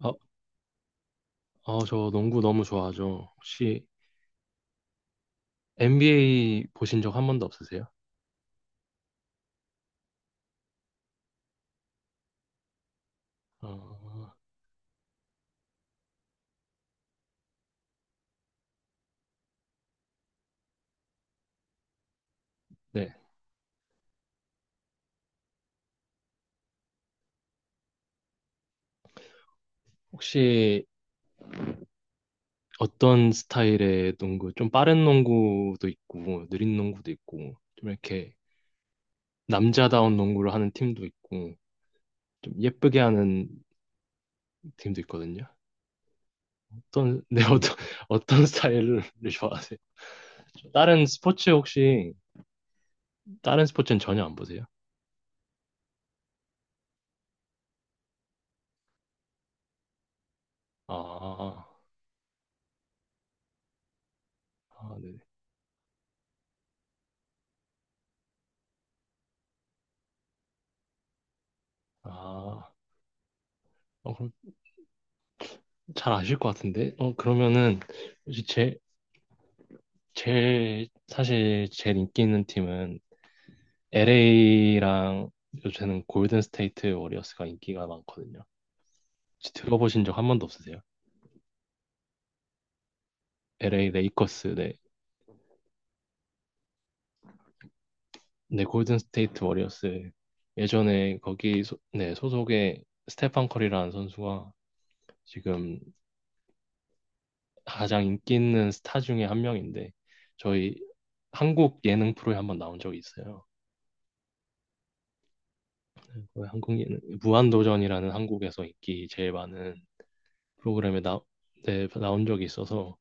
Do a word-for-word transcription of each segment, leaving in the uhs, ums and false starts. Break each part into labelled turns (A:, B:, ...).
A: 어, 어, 저 농구 너무 좋아하죠. 혹시 엔비에이 보신 적 한 번도 없으세요? 어, 네. 혹시 어떤 스타일의 농구? 좀 빠른 농구도 있고, 느린 농구도 있고, 좀 이렇게 남자다운 농구를 하는 팀도 있고, 좀 예쁘게 하는 팀도 있거든요. 어떤, 네, 어떤, 어떤 스타일을 좋아하세요? 다른 스포츠 혹시, 다른 스포츠는 전혀 안 보세요? 아, 아, 네. 아, 어, 그럼 잘 아실 것 같은데? 어, 그러면은, 혹시 제, 제, 사실 제일 인기 있는 팀은 엘에이랑 요새는 골든 스테이트 워리어스가 인기가 많거든요. 혹시 들어보신 적 한 번도 없으세요? 엘에이 레이커스, 네. 네, 골든 스테이트 워리어스. 예전에 거기, 소, 네, 소속의 스테판 커리라는 선수가 지금 가장 인기 있는 스타 중에 한 명인데, 저희 한국 예능 프로에 한번 나온 적이 있어요. 왜 한국인 무한도전이라는 한국에서 인기 제일 많은 프로그램에 나, 네, 나온 적이 있어서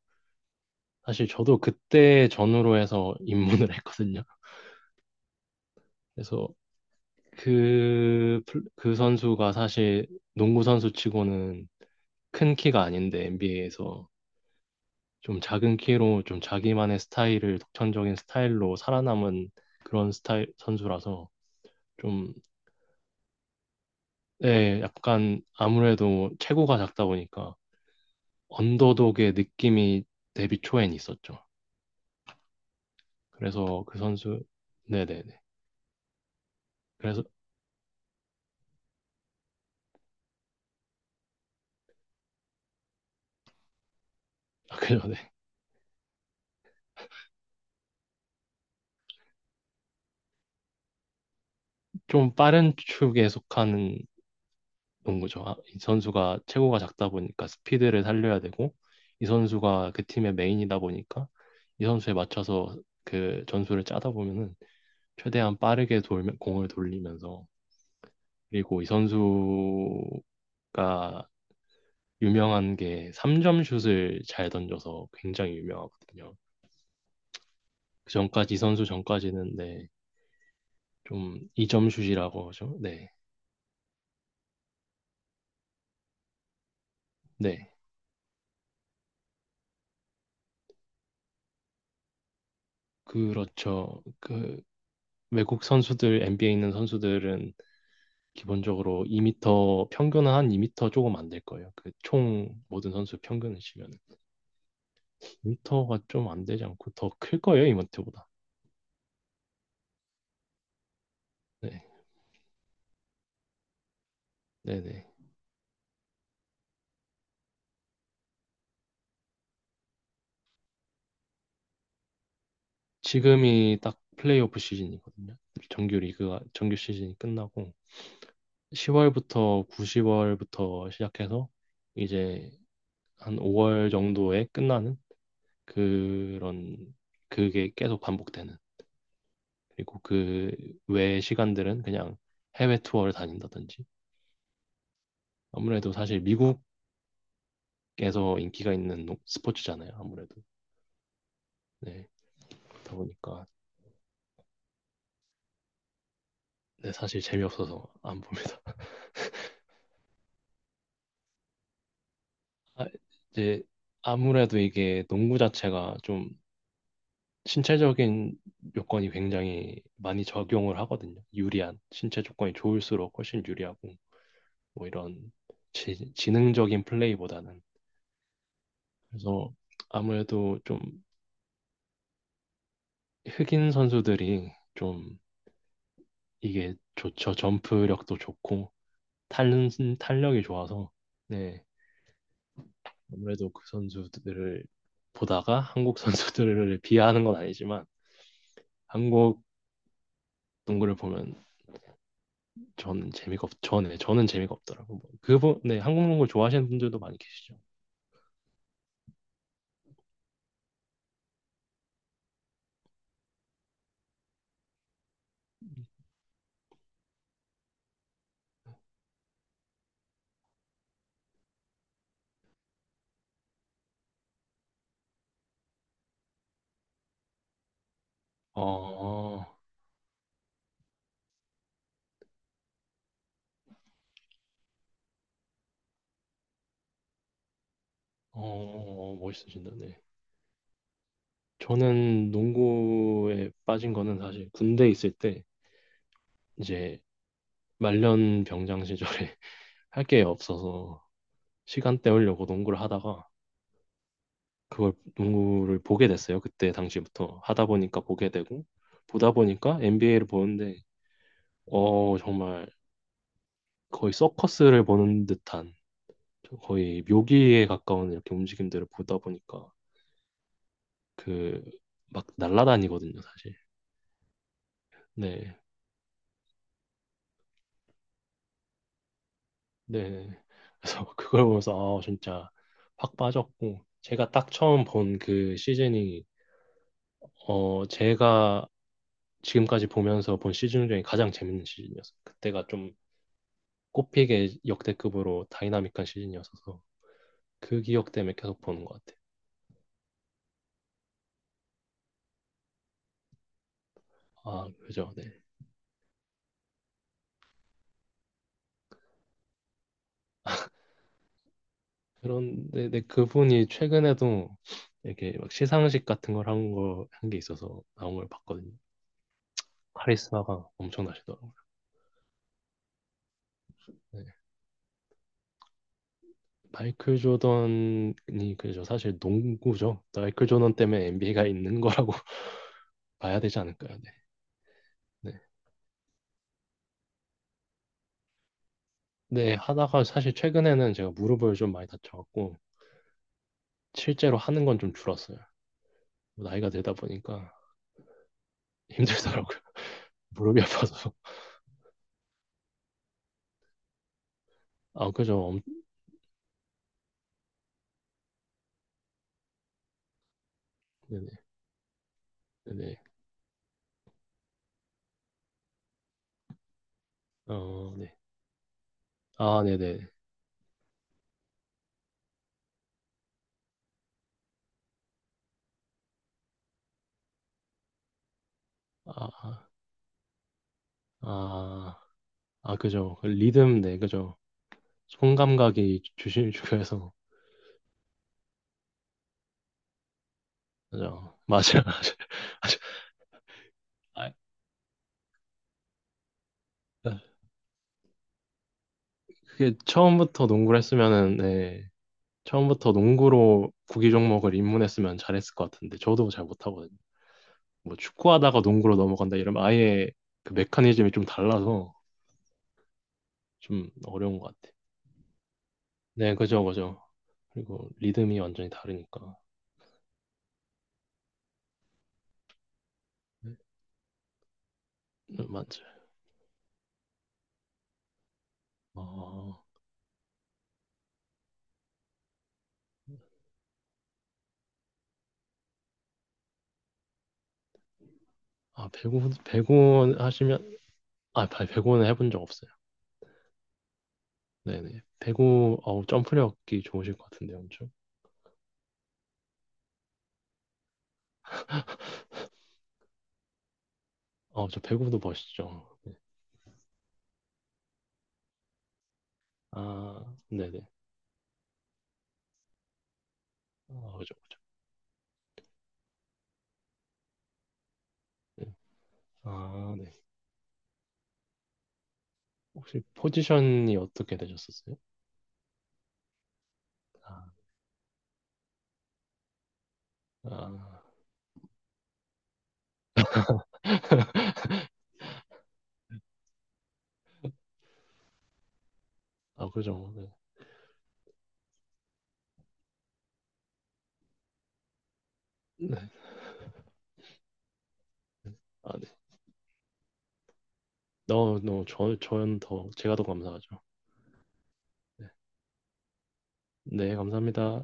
A: 사실 저도 그때 전후로 해서 입문을 했거든요. 그래서 그, 플- 그 선수가 사실 농구 선수 치고는 큰 키가 아닌데 엔비에이에서 좀 작은 키로 좀 자기만의 스타일을 독창적인 스타일로 살아남은 그런 스타일 선수라서 좀 네, 약간 아무래도 체구가 작다 보니까 언더독의 느낌이 데뷔 초엔 있었죠. 그래서 그 선수, 네네네. 그래서, 그죠, 네. 좀 빠른 축에 속하는 농구죠. 아, 이 선수가 체구가 작다 보니까 스피드를 살려야 되고, 이 선수가 그 팀의 메인이다 보니까, 이 선수에 맞춰서 그 전술을 짜다 보면은, 최대한 빠르게 돌면, 공을 돌리면서, 그리고 이 선수가 유명한 게 삼 점 슛을 잘 던져서 굉장히 유명하거든요. 그 전까지 이 선수 전까지는 네, 좀 이점슛이라고 하죠. 네, 네, 그렇죠. 그 외국 선수들 엔비에이에 있는 선수들은 기본적으로 이 미터 평균은 한 이 미터 조금 안 될 거예요. 그 총 모든 선수 평균을 치면 이 미터가 좀 안 되지 않고 더 클 거예요, 이마트보다. 네, 네, 네. 지금이 딱 플레이오프 시즌이거든요. 정규 리그가 정규 시즌이 끝나고 시월부터 구, 공 월부터 시작해서 이제 한 오월 정도에 끝나는 그런, 그게 계속 반복되는. 그리고 그 외 시간들은 그냥 해외 투어를 다닌다든지. 아무래도 사실 미국에서 인기가 있는 농- 스포츠잖아요, 아무래도. 네. 그렇다 보니까, 네, 사실 재미없어서 안 봅니다. 아, 이제 아무래도 이게 농구 자체가 좀 신체적인 요건이 굉장히 많이 적용을 하거든요. 유리한 신체 조건이 좋을수록 훨씬 유리하고, 뭐 이런 지, 지능적인 플레이보다는. 그래서 아무래도 좀 흑인 선수들이 좀 이게 좋죠. 점프력도 좋고 탄, 탄력이 좋아서. 네. 아무래도 그 선수들을 보다가 한국 선수들을 비하하는 건 아니지만, 한국 농구를 보면 저는 재미가 없, 저는, 네, 저는 재미가 없더라고요. 뭐 그분, 네, 한국 농구 좋아하시는 분들도 많이 계시죠. 어, 어, 멋있으신다. 저는 농구에 빠진 거는 사실 군대 있을 때, 이제 말년 병장 시절에 할 게 없어서 시간 때우려고 농구를 하다가 그걸 농구를 보게 됐어요. 그때 당시부터 하다 보니까 보게 되고, 보다 보니까 엔비에이를 보는데 어, 정말 거의 서커스를 보는 듯한, 거의 묘기에 가까운 이렇게 움직임들을 보다 보니까 그 막 날라다니거든요, 사실. 네. 네, 그래서 그걸 보면서 아, 진짜 확 빠졌고, 제가 딱 처음 본 그 시즌이 어, 제가 지금까지 보면서 본 시즌 중에 가장 재밌는 시즌이었어요. 그때가 좀 꼽히게 역대급으로 다이나믹한 시즌이었어서 그 기억 때문에 계속 보는 것 같아요. 아, 그죠. 네. 그런데 네, 그분이 최근에도 이렇게 막 시상식 같은 걸 한 거, 한 게 있어서 나온 걸 봤거든요. 카리스마가 엄청나시더라고요. 네. 마이클 조던이, 그죠. 사실 농구죠. 마이클 조던 때문에 엔비에이가 있는 거라고 봐야 되지 않을까요? 네. 네. 네, 하다가 사실 최근에는 제가 무릎을 좀 많이 다쳐갖고 실제로 하는 건 좀 줄었어요. 뭐 나이가 들다 보니까 힘들더라고요. 무릎이 아파서. 아, 그죠. 엄- 네네. 네네. 어, 네. 아, 네네. 아, 아, 아, 아, 그죠. 그 리듬, 네, 그죠. 손 감각이 주심 중요해서. 그죠. 맞아요. 맞아요. 맞아요. 아, 아, 그게 처음부터 농구를 했으면은, 네, 처음부터 농구로 구기 종목을 입문했으면 잘했을 것 같은데, 저도 잘 못하거든요. 뭐 축구하다가 농구로 넘어간다 이러면 아예 그 메커니즘이 좀 달라서 좀 어려운 것 같아. 네, 그죠, 그죠. 그리고 리듬이 완전히 다르니까. 네, 맞죠. 어, 아, 배구, 배구 하시면, 아, 배- 배구는 해본 적 없어요. 네네. 배구, 어우, 점프력이 좋으실 것 같은데, 엄청. 어, 저 배구도 멋있죠. 아, 네네. 아, 그죠, 그죠. 네. 아, 네. 혹시 포지션이 어떻게 되셨었어요? 아, 아, 아, 그죠. 네. 아, 네. 너무, 너무, 저, 저는, 더, 제가 더 감사하죠. 네, 감사합니다.